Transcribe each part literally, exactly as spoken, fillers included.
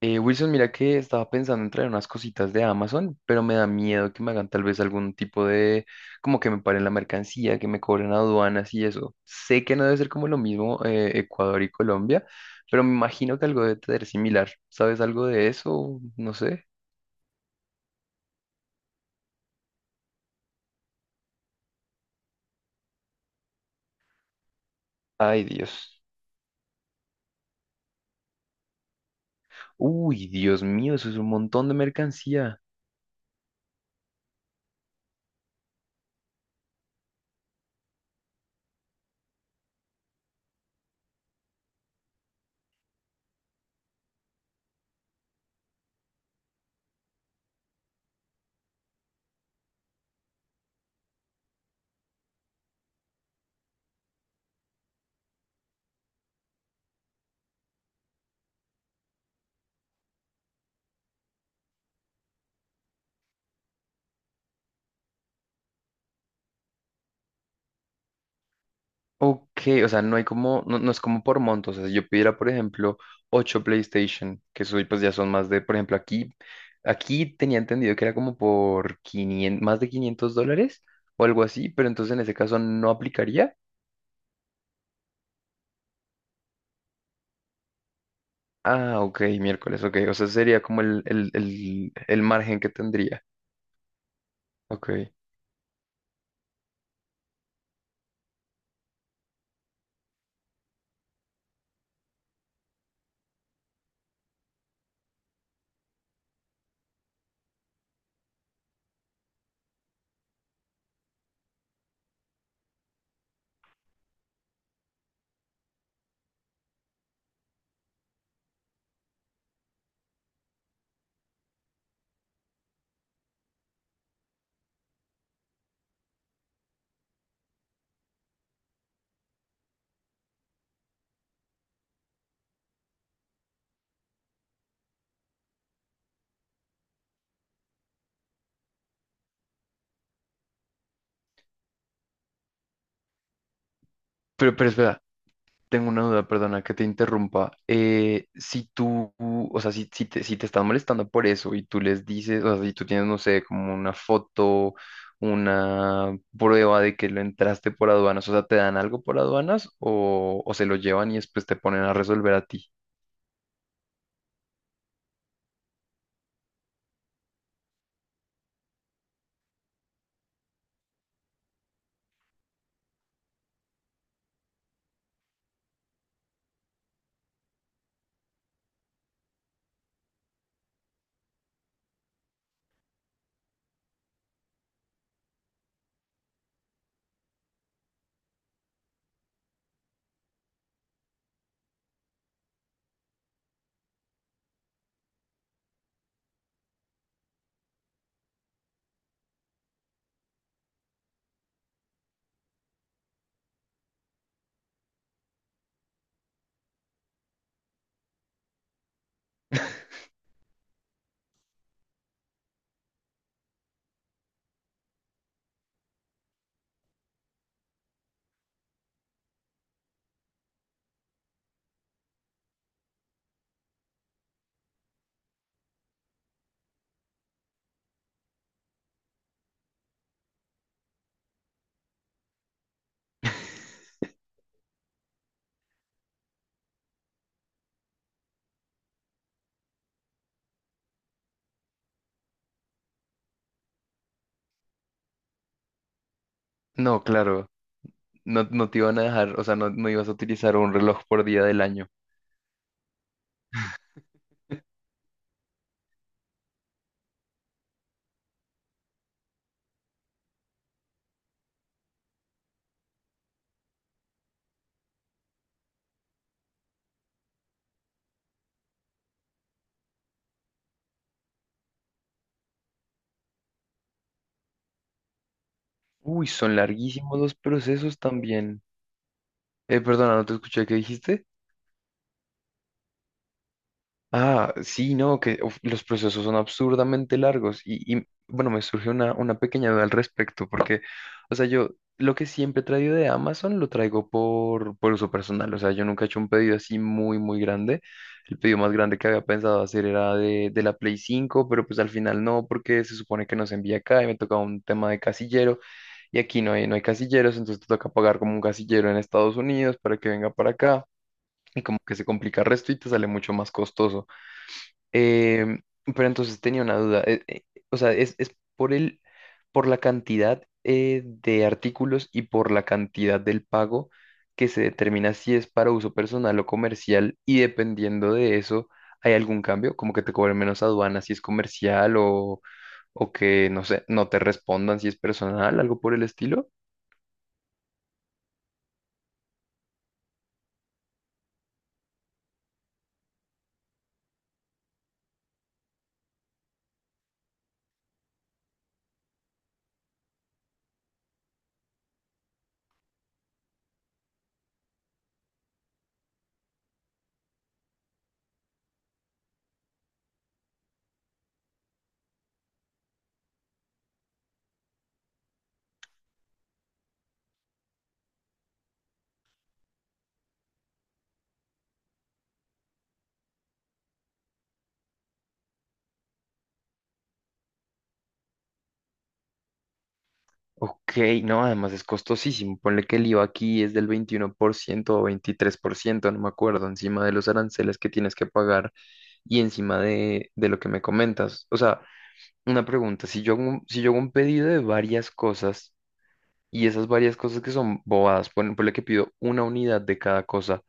Eh, Wilson, mira que estaba pensando en traer unas cositas de Amazon, pero me da miedo que me hagan tal vez algún tipo de, como que me paren la mercancía, que me cobren aduanas y eso. Sé que no debe ser como lo mismo eh, Ecuador y Colombia, pero me imagino que algo debe ser similar. ¿Sabes algo de eso? No sé. Ay, Dios. Uy, Dios mío, eso es un montón de mercancía. Ok, o sea, no hay como, no, no es como por montos. O sea, si yo pidiera, por ejemplo, ocho PlayStation, que soy, pues ya son más de, por ejemplo, aquí, aquí tenía entendido que era como por quinientos, más de quinientos dólares o algo así, pero entonces en ese caso no aplicaría. Ah, ok, miércoles, ok. O sea, sería como el, el, el, el margen que tendría. Ok. Pero, pero espera, tengo una duda, perdona que te interrumpa. Eh, si tú, o sea, si, si te, si te están molestando por eso y tú les dices, o sea, si tú tienes, no sé, como una foto, una prueba de que lo entraste por aduanas, o sea, ¿te dan algo por aduanas o, o se lo llevan y después te ponen a resolver a ti? No, claro, no, no te iban a dejar, o sea, no, no ibas a utilizar un reloj por día del año. Uy, son larguísimos los procesos también. Eh, perdona, no te escuché, ¿qué dijiste? Ah, sí, no, que uf, los procesos son absurdamente largos y, y, bueno, me surgió una, una pequeña duda al respecto porque, o sea, yo lo que siempre he traído de Amazon lo traigo por, por uso personal, o sea, yo nunca he hecho un pedido así muy, muy grande. El pedido más grande que había pensado hacer era de, de la Play cinco, pero pues al final no, porque se supone que no se envía acá y me tocaba un tema de casillero y aquí no hay, no hay casilleros, entonces te toca pagar como un casillero en Estados Unidos para que venga para acá. Y como que se complica el resto y te sale mucho más costoso. Em, pero entonces tenía una duda. Eh, eh, o sea, es, es por el, por la cantidad eh, de artículos y por la cantidad del pago que se determina si es para uso personal o comercial. Y dependiendo de eso, ¿hay algún cambio? Como que te cobren menos aduana si es comercial o, o que, no sé, no te respondan si es personal, algo por el estilo. Ok, no, además es costosísimo. Ponle que el IVA aquí es del veintiuno por ciento o veintitrés por ciento no me acuerdo, encima de los aranceles que tienes que pagar y encima de, de lo que me comentas. O sea, una pregunta, si yo hago un, si yo hago un pedido de varias cosas y esas varias cosas que son bobadas, por, por lo que pido una unidad de cada cosa,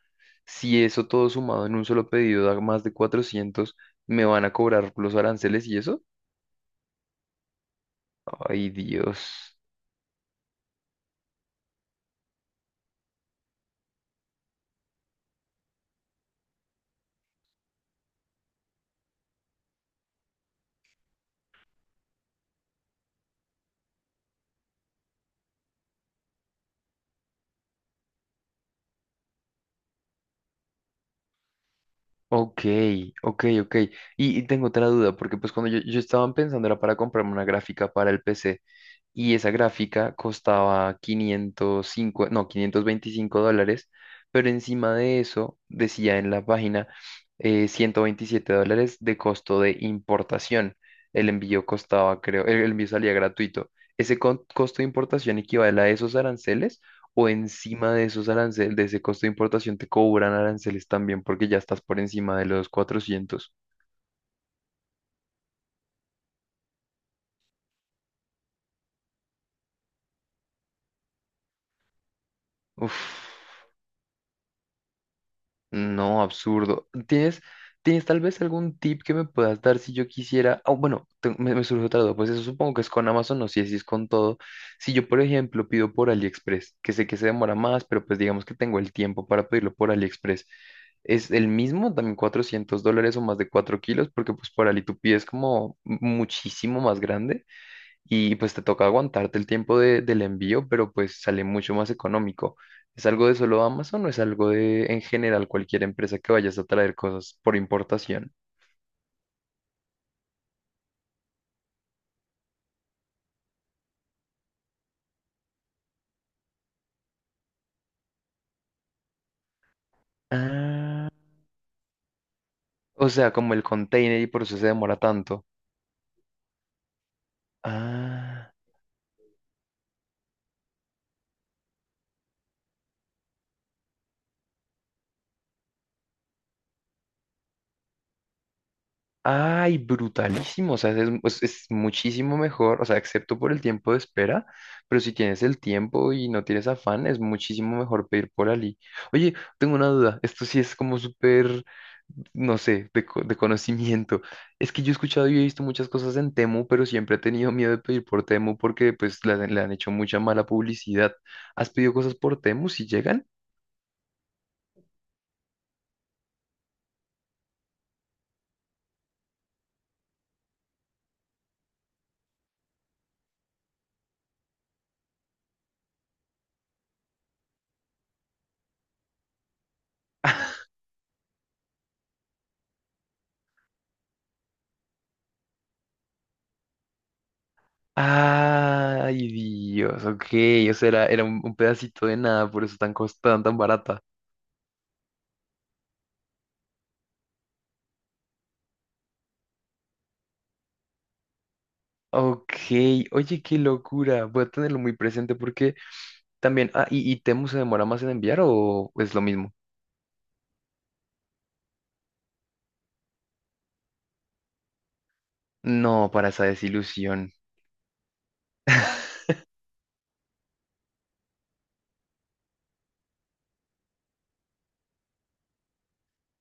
si eso todo sumado en un solo pedido da más de cuatrocientos, ¿me van a cobrar los aranceles y eso? Ay, Dios. Ok, ok, ok. Y, y tengo otra duda, porque pues cuando yo, yo estaba pensando era para comprarme una gráfica para el P C y esa gráfica costaba quinientos cinco, no, quinientos veinticinco dólares, pero encima de eso decía en la página eh, ciento veintisiete dólares de costo de importación. El envío costaba, creo, el, el envío salía gratuito. ¿Ese co- costo de importación equivale a esos aranceles o encima de esos aranceles, de ese costo de importación, te cobran aranceles también porque ya estás por encima de los cuatrocientos? Uf, no, absurdo. ¿Tienes, tienes tal vez algún tip que me puedas dar si yo quisiera? Ah, bueno, te- me, me surge otra duda. Pues eso supongo que es con Amazon, no sé si es con todo. Si yo, por ejemplo, pido por AliExpress, que sé que se demora más, pero pues digamos que tengo el tiempo para pedirlo por AliExpress. Es el mismo, también cuatrocientos dólares o más de cuatro kilos, porque pues por Ali tú pides como muchísimo más grande. Y pues te toca aguantarte el tiempo de- del envío, pero pues sale mucho más económico. ¿Es algo de solo Amazon o es algo de en general cualquier empresa que vayas a traer cosas por importación? Ah, o sea, como el container y por eso se demora tanto. Ah. Ay, brutalísimo. O sea, es, es- es muchísimo mejor. O sea, excepto por el tiempo de espera. Pero si tienes el tiempo y no tienes afán, es muchísimo mejor pedir por Ali. Oye, tengo una duda. Esto sí es como súper, no sé, de, co- de conocimiento. Es que yo he escuchado y he visto muchas cosas en Temu, pero siempre he tenido miedo de pedir por Temu porque pues le, han le han hecho mucha mala publicidad. ¿Has pedido cosas por Temu si llegan? Ay, Dios, ok, o sea, era, era un, un pedacito de nada, por eso tan costada, tan barata. Ok, oye, qué locura, voy a tenerlo muy presente porque también, ah, ¿y, y Temu se demora más en enviar o es lo mismo? No, para esa desilusión.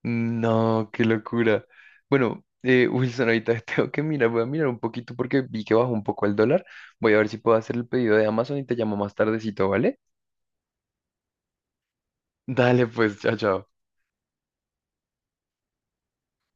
No, qué locura. Bueno, eh, Wilson, ahorita tengo que mirar, voy a mirar un poquito porque vi que bajó un poco el dólar. Voy a ver si puedo hacer el pedido de Amazon y te llamo más tardecito, ¿vale? Dale, pues, chao, chao.